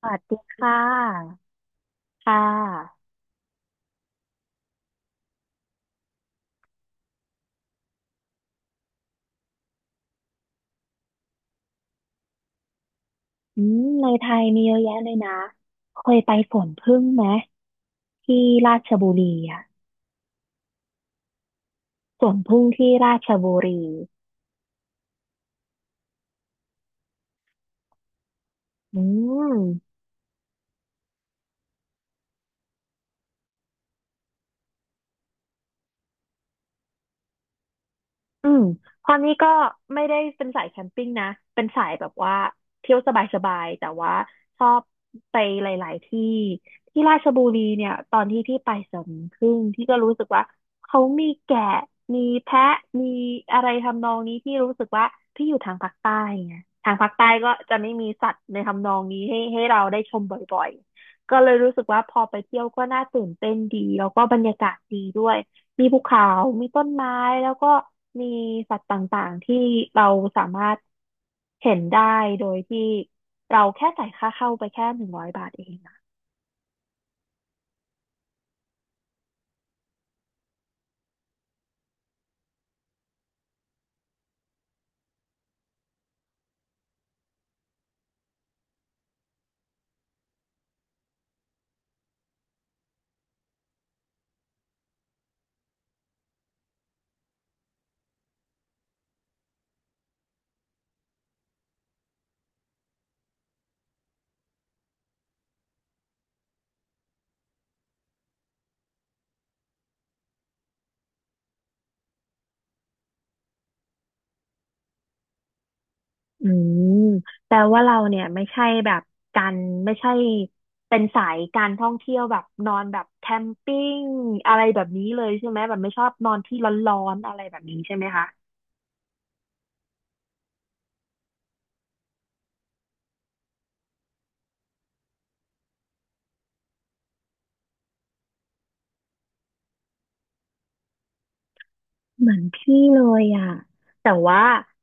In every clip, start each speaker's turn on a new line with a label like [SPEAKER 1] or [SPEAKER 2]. [SPEAKER 1] สวัสดีค่ะ ค่ะในไทยมีเยอะแยะเลยนะ เคยไปสวนผึ้งไหมที่ราชบุรีอ่ะสวนผึ้งที่ราชบุรีอืม อืมพอนี้ก็ไม่ได้เป็นสายแคมปิ้งนะเป็นสายแบบว่าเที่ยวสบายๆแต่ว่าชอบไปหลายๆที่ที่ราชบุรีเนี่ยตอนที่พี่ไปสวนผึ่งที่ก็รู้สึกว่าเขามีแกะมีแพะมีอะไรทำนองนี้ที่รู้สึกว่าพี่อยู่ทางภาคใต้ไงทางภาคใต้ก็จะไม่มีสัตว์ในทำนองนี้ให้ให้เราได้ชมบ่อยๆก็เลยรู้สึกว่าพอไปเที่ยวก็น่าตื่นเต้นดีแล้วก็บรรยากาศดีด้วย มีภูเขามีต้นไม้ แล้วก็มีสัตว์ต่างๆที่เราสามารถเห็นได้โดยที่เราแค่จ่ายค่าเข้าไปแค่100 บาทเองนะอืมแปลว่าเราเนี่ยไม่ใช่แบบการไม่ใช่เป็นสายการท่องเที่ยวแบบนอนแบบแคมปิ้งอะไรแบบนี้เลยใช่ไหมแบบไม่ชอบนอนที่ร้อนๆอะไรแบบนี้ใช่ไหมคะ เหมือนพี่เลยอ่ะแต่ว่า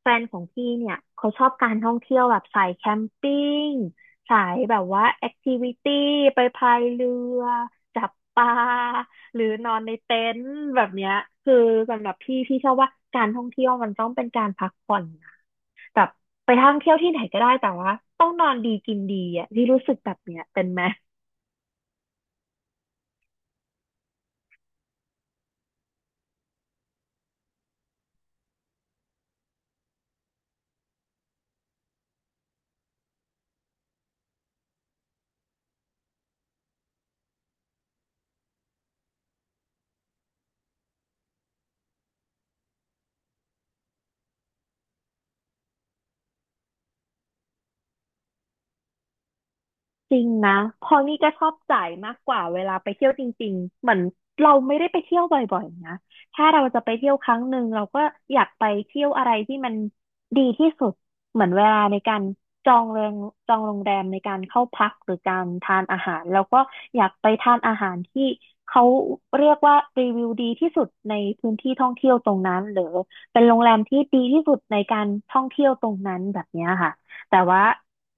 [SPEAKER 1] แฟนของพี่เนี่ยเขาชอบการท่องเที่ยวแบบสายแคมปิ้งสายแบบว่าแอคทิวิตี้ไปพายเรือจับปลาหรือนอนในเต็นท์แบบเนี้ยคือสำหรับพี่พี่ชอบว่าการท่องเที่ยวมันต้องเป็นการพักผ่อนนะแบบไปท่องเที่ยวที่ไหนก็ได้แต่ว่าต้องนอนดีกินดีอ่ะพี่รู้สึกแบบเนี้ยเป็นไหม จริงนะเพอนี่ก็ชอบจ่ายมากกว่าเวลาไปเที่ยวจริงๆเหมือนเราไม่ได้ไปเที่ยวบ่อยๆนะ ถ้าเราจะไปเที่ยวครั้งหนึ่งเราก็อยากไปเที่ยวอะไรที่มันดีที่สุดเหมือนเวลาในการจองโรงจองโรงแรมในการเข้าพักหรือการทานอาหารเราก็อยากไปทานอาหารที่เขาเรียกว่ารีวิวดีที่สุดในพื้นที่ท่องเที่ยวตรงนั้นหรือเป็นโรงแรมที่ดีที่สุดในการท่องเที่ยวตรงนั้นแบบเนี้ยค่ะแต่ว่า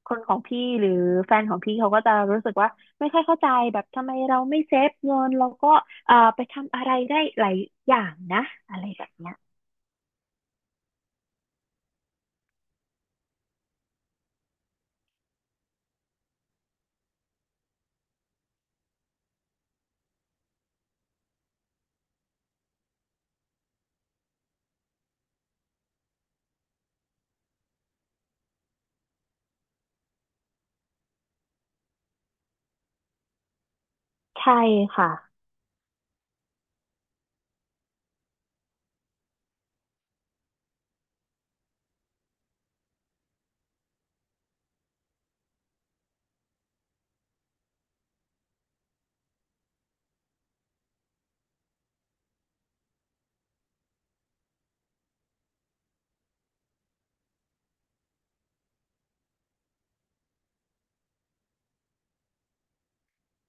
[SPEAKER 1] คนของพี่หรือแฟนของพี่เขาก็จะรู้สึกว่าไม่ค่อยเข้าใจแบบทำไมเราไม่เซฟเงินเราก็ไปทำอะไรได้หลายอย่างนะอะไรแบบเนี้ยใช่ค่ะ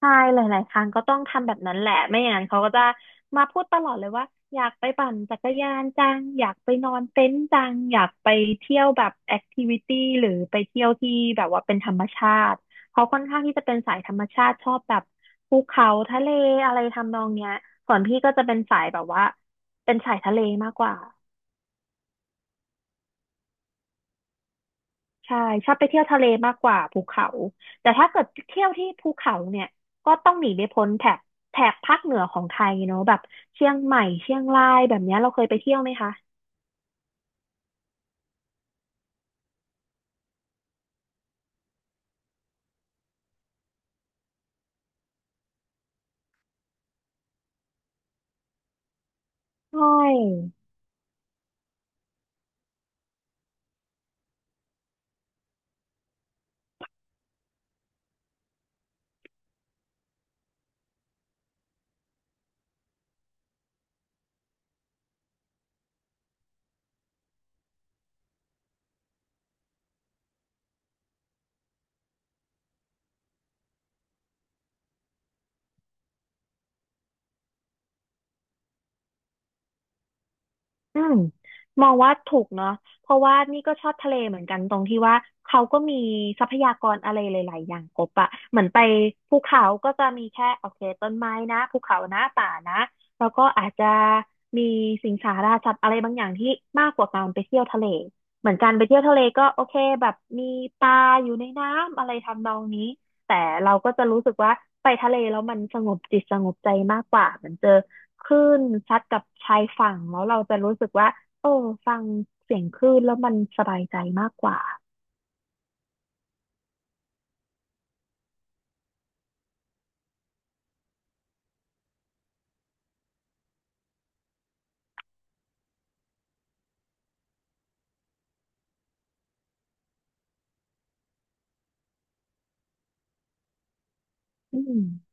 [SPEAKER 1] ใช่หลายๆครั้งก็ต้องทำแบบนั้นแหละไม่อย่างนั้นเขาก็จะมาพูดตลอดเลยว่าอยากไปปั่นจักรยานจังอยากไปนอนเต็นท์จังอยากไปเที่ยวแบบแอคทิวิตี้หรือไปเที่ยวที่แบบว่าเป็นธรรมชาติเขาค่อนข้างที่จะเป็นสายธรรมชาติชอบแบบภูเขาทะเลอะไรทำนองเนี้ยส่วนพี่ก็จะเป็นสายแบบว่าเป็นสายทะเลมากกว่า ใช่ชอบไปเที่ยวทะเลมากกว่าภูเขาแต่ถ้าเกิดเที่ยวที่ภูเขาเนี่ยก็ต้องหนีไม่พ้นแถบภาคเหนือของไทยเนอะแบบเชียงใหม่เชียงรายแบบเนี้ยเราเคยไปเที่ยวไหมคะใช่ อืมมองว่าถูกเนาะเพราะว่านี่ก็ชอบทะเลเหมือนกันตรงที่ว่าเขาก็มีทรัพยากรอะไรหลายๆอย่างครบอะเหมือนไปภูเขาก็จะมีแค่โอเคต้นไม้นะภูเขานะป่านะแล้วก็อาจจะมีสิงสาราสัตว์อะไรบางอย่างที่มากกว่าการไปเที่ยวทะเลเหมือนการไปเที่ยวทะเลก็โอเคแบบมีปลาอยู่ในน้ำอะไรทำนองนี้แต่เราก็จะรู้สึกว่าไปทะเลแล้วมันสงบจิตสงบใจมากกว่าเหมือนเจอ คลื่นซัดกับชายฝั่งแล้วเราจะรู้สึกว่าโอ้ฟังเสียงคลื่นแล้วมันสบายใจมากกว่าอืม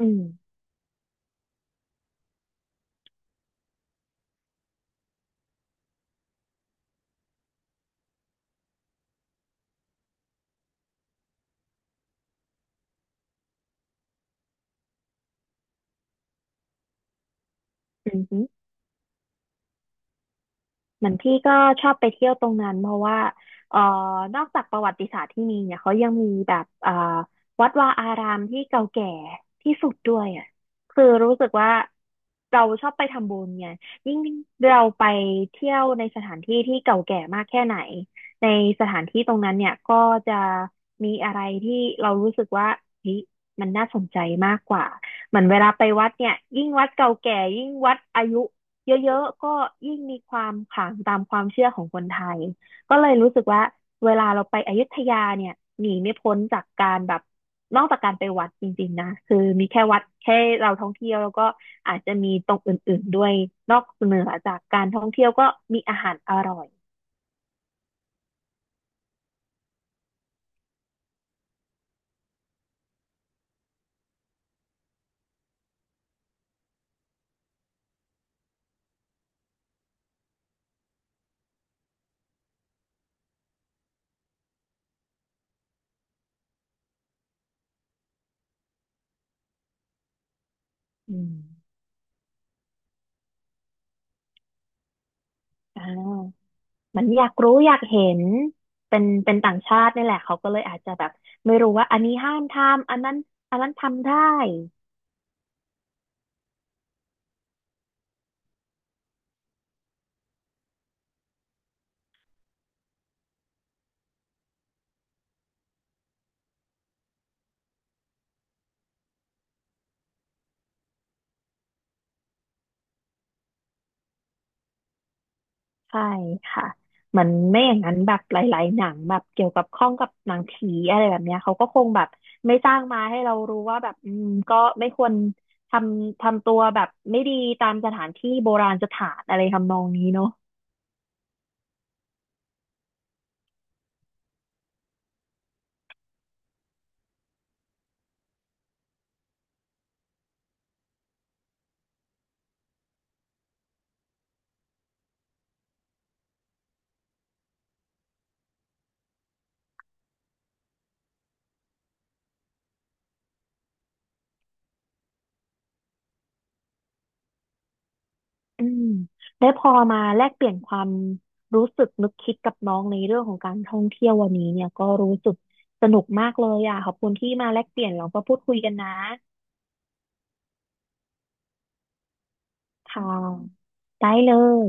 [SPEAKER 1] อืมอืม เหมือนพี่ก็ชอบไปเที่ยวตรงนั้นเพราะว่าเอ่อนอกจากประวัติศาสตร์ที่มีเนี่ยเขายังมีแบบวัดวาอารามที่เก่าแก่ที่สุดด้วยอ่ะคือรู้สึกว่าเราชอบไปทำบุญไงยิ่งเราไปเที่ยวในสถานที่ที่เก่าแก่มากแค่ไหนในสถานที่ตรงนั้นเนี่ยก็จะมีอะไรที่เรารู้สึกว่าเฮ้ยมันน่าสนใจมากกว่าเหมือนเวลาไปวัดเนี่ยยิ่งวัดเก่าแก่ยิ่งวัดอายุ เยอะๆ ก็ยิ่งมีความขลังตามความเชื่อของคนไทยก็เลยรู้สึกว่าเวลาเราไปอยุธยาเนี่ยหนีไม่พ้นจากการแบบนอกจากการไปวัดจริงๆนะคือมีแค่วัดแค่เราท่องเที่ยวแล้วก็อาจจะมีตรงอื่นๆด้วยนอกเหนือจากการท่องเที่ยวก็มีอาหารอร่อยอืมอ่าเหมันอยากรู้อยากเห็นเป็นเป็นต่างชาตินี่แหละเขาก็เลยอาจจะแบบไม่รู้ว่าอันนี้ห้ามทำอันนั้นอันนั้นทำได้ ใช่ค่ะเหมือนไม่อย่างนั้นแบบหลายๆหนังแบบเกี่ยวกับข้องกับหนังผีอะไรแบบเนี้ยเขาก็คงแบบไม่สร้างมาให้เรารู้ว่าแบบอืมก็ไม่ควรทำทำตัวแบบไม่ดีตามสถานที่โบราณสถานอะไรทำนองนี้เนาะอืมได้พอมาแลกเปลี่ยนความรู้สึกนึกคิดกับน้องในเรื่องของการท่องเที่ยววันนี้เนี่ยก็รู้สึกสนุกมากเลยอ่ะขอบคุณที่มาแลกเปลี่ยนเราก็พูดคุยกันนะค่ะได้เลย